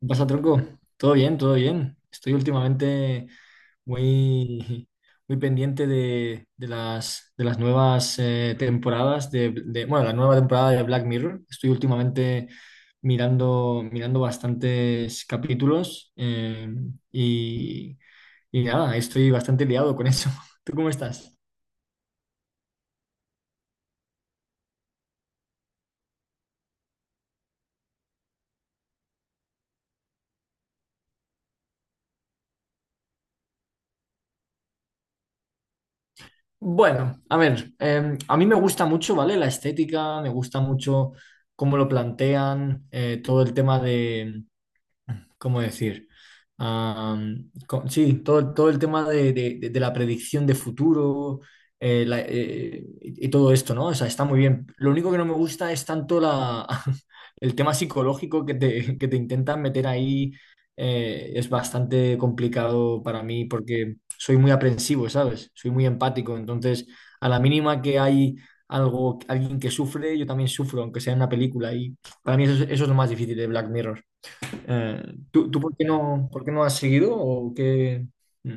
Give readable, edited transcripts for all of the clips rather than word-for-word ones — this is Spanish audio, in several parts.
¿Qué pasa, tronco? Todo bien, todo bien. Estoy últimamente muy, muy pendiente de las nuevas temporadas de- bueno, la nueva temporada de Black Mirror. Estoy últimamente mirando bastantes capítulos y, y nada, estoy bastante liado con eso. ¿Tú cómo estás? Bueno, a ver, a mí me gusta mucho, ¿vale? La estética, me gusta mucho cómo lo plantean, todo el tema de ¿cómo decir? Co- sí, todo el tema de de la predicción de futuro y todo esto, ¿no? O sea, está muy bien. Lo único que no me gusta es tanto la, el tema psicológico que te, que te intentan meter ahí. Es bastante complicado para mí porque soy muy aprensivo, ¿sabes? Soy muy empático. Entonces, a la mínima que hay algo, alguien que sufre, yo también sufro, aunque sea en una película. Y para mí eso es lo más difícil de Black Mirror. Eh, ¿tú por qué no has seguido o qué? Mm.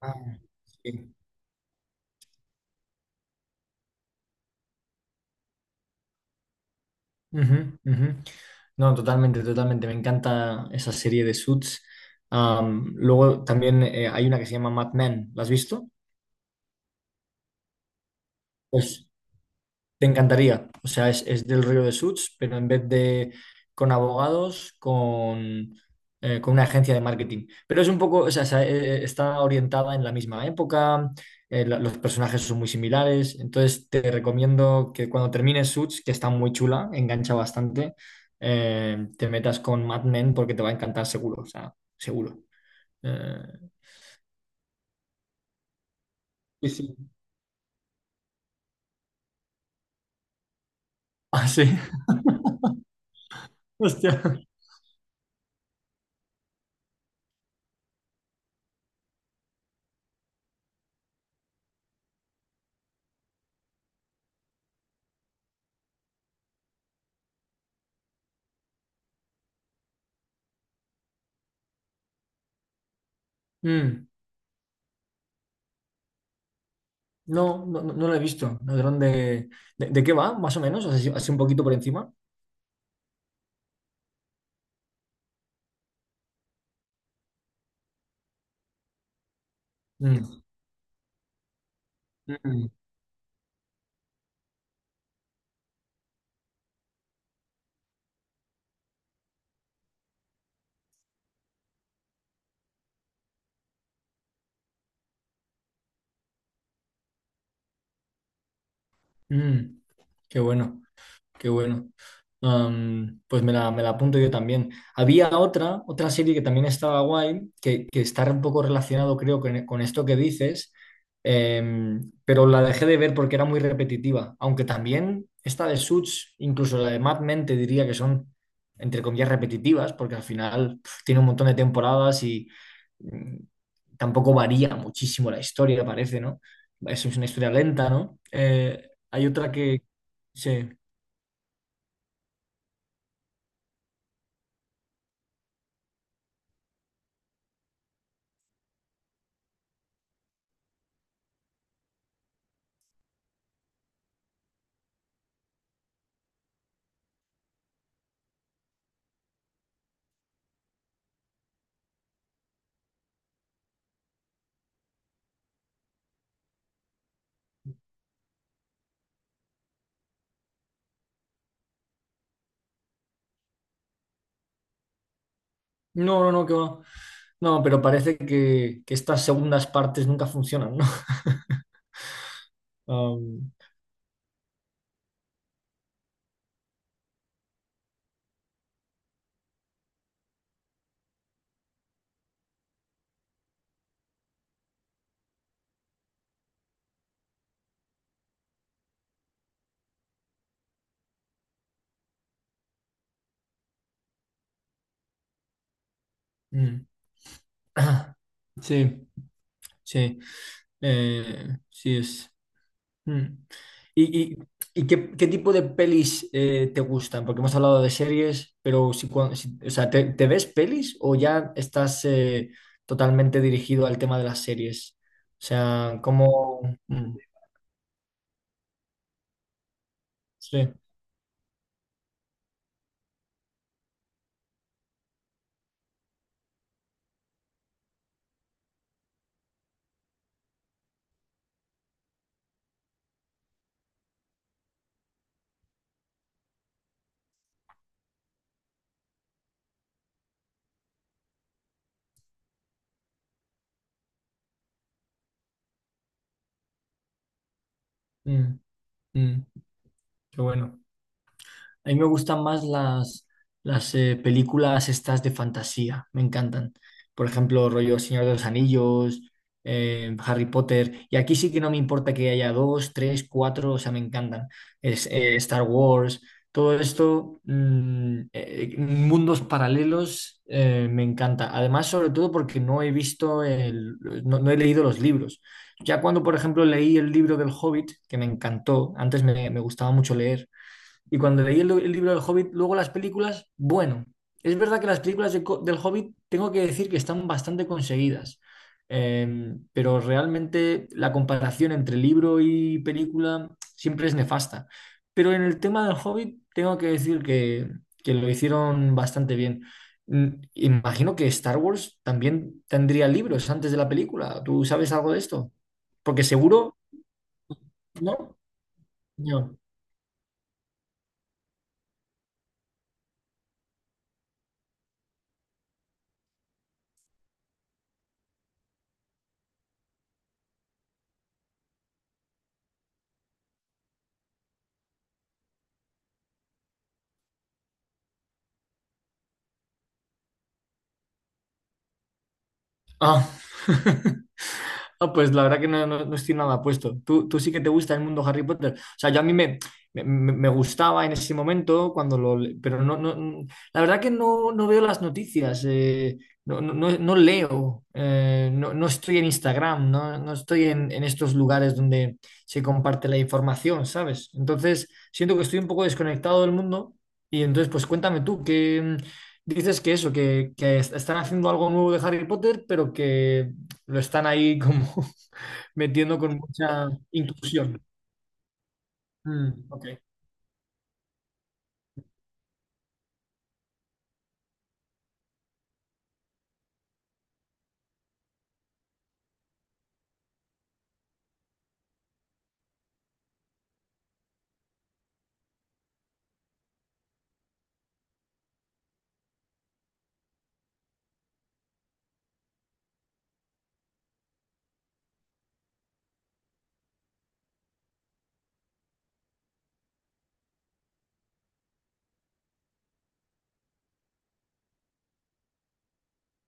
Ah, sí. Ujú, ujú. No, totalmente, totalmente. Me encanta esa serie de Suits. Am, luego también hay una que se llama Mad Men. ¿La has visto? Pues te encantaría. O sea, es del Río de Suits, pero en vez de con abogados, con una agencia de marketing. Pero es un poco, o sea, se- está orientada en la misma época, la- los personajes son muy similares. Entonces, te recomiendo que cuando termines Suits, que está muy chula, engancha bastante, te metas con Mad Men porque te va a encantar seguro, o sea, seguro. Eh, sí, sí. Ah, sí. Hostia. Mm. No, lo he visto. ¿Ladrón de qué va, más o menos? Así, así un poquito por encima. Mm, mm, mm, qué bueno. Qué bueno. Am, pues me la apunto yo también. Había otra, otra serie que también estaba guay, que está un poco relacionado, creo, con esto que dices, pero la dejé de ver porque era muy repetitiva. Aunque también esta de Suits, incluso la de Mad Men, te diría que son, entre comillas, repetitivas, porque al final pf, tiene un montón de temporadas y mm, tampoco varía muchísimo la historia, parece, ¿no? Es una historia lenta, ¿no? Hay otra que... Sí. No, no, no, que va. No, pero parece que estas segundas partes nunca funcionan, ¿no? Um, mm. Sí, sí, sí es. Mm. ¿Y, y- y qué, qué tipo de pelis te gustan? Porque hemos hablado de series, pero si, cua- si- o sea, te ves pelis o ya estás totalmente dirigido al tema de las series? O sea, ¿cómo? Mm, sí, mm, mm, qué bueno. A mí me gustan más las películas estas de fantasía, me encantan. Por ejemplo, rollo Señor de los Anillos, Harry Potter. Y aquí sí que no me importa que haya dos, tres, cuatro, o sea, me encantan. Es, Star Wars, todo esto, mundos paralelos, me encanta. Además, sobre todo porque no he visto, el- no he leído los libros. Ya cuando, por ejemplo, leí el libro del Hobbit, que me encantó, antes me gustaba mucho leer, y cuando leí el libro del Hobbit, luego las películas, bueno, es verdad que las películas de co- del Hobbit tengo que decir que están bastante conseguidas, pero realmente la comparación entre libro y película siempre es nefasta. Pero en el tema del Hobbit tengo que decir que lo hicieron bastante bien. Mm, imagino que Star Wars también tendría libros antes de la película. ¿Tú sabes algo de esto? Porque seguro, ¿no? No. Ah. Ah, pues la verdad que no, no- no estoy nada puesto. Tú sí que te gusta el mundo Harry Potter. O sea, yo a mí me gustaba en ese momento cuando lo... le- Pero no, no, la verdad que no, no veo las noticias. No, no, no- no leo. No, no estoy en Instagram. No, no estoy en estos lugares donde se comparte la información, ¿sabes? Entonces, siento que estoy un poco desconectado del mundo. Y entonces, pues cuéntame tú, que dices que eso, que están haciendo algo nuevo de Harry Potter, pero que... Lo están ahí como metiendo con mucha inclusión. Mm, ok.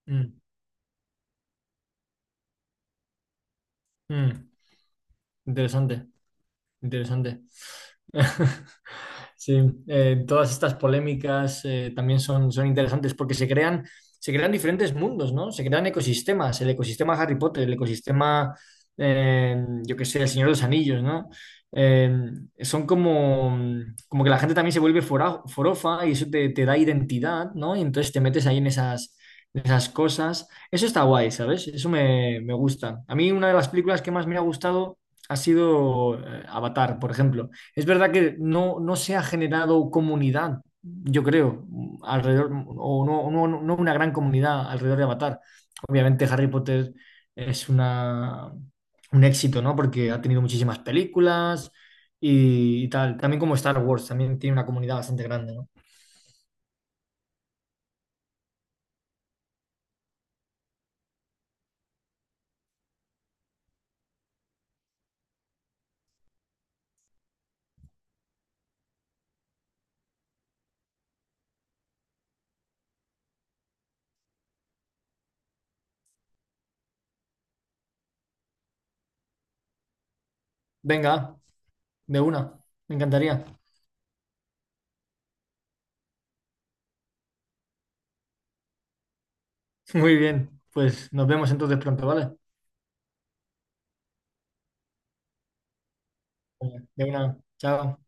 Mm, mm. Interesante, interesante. Sí, todas estas polémicas también son, son interesantes porque se crean diferentes mundos, ¿no? Se crean ecosistemas, el ecosistema Harry Potter, el ecosistema, yo qué sé, el Señor de los Anillos, ¿no? Eh, son como, como que la gente también se vuelve fora- forofa y eso te, te da identidad, ¿no? Y entonces te metes ahí en esas cosas. Eso está guay, ¿sabes? Eso me, me gusta. A mí una de las películas que más me ha gustado ha sido Avatar, por ejemplo. Es verdad que no, no se ha generado comunidad, yo creo, alrededor, o no, no una gran comunidad alrededor de Avatar. Obviamente Harry Potter es una, un éxito, ¿no? Porque ha tenido muchísimas películas y tal. También como Star Wars, también tiene una comunidad bastante grande, ¿no? Venga, de una, me encantaría. Muy bien, pues nos vemos entonces pronto, ¿vale? De una, chao.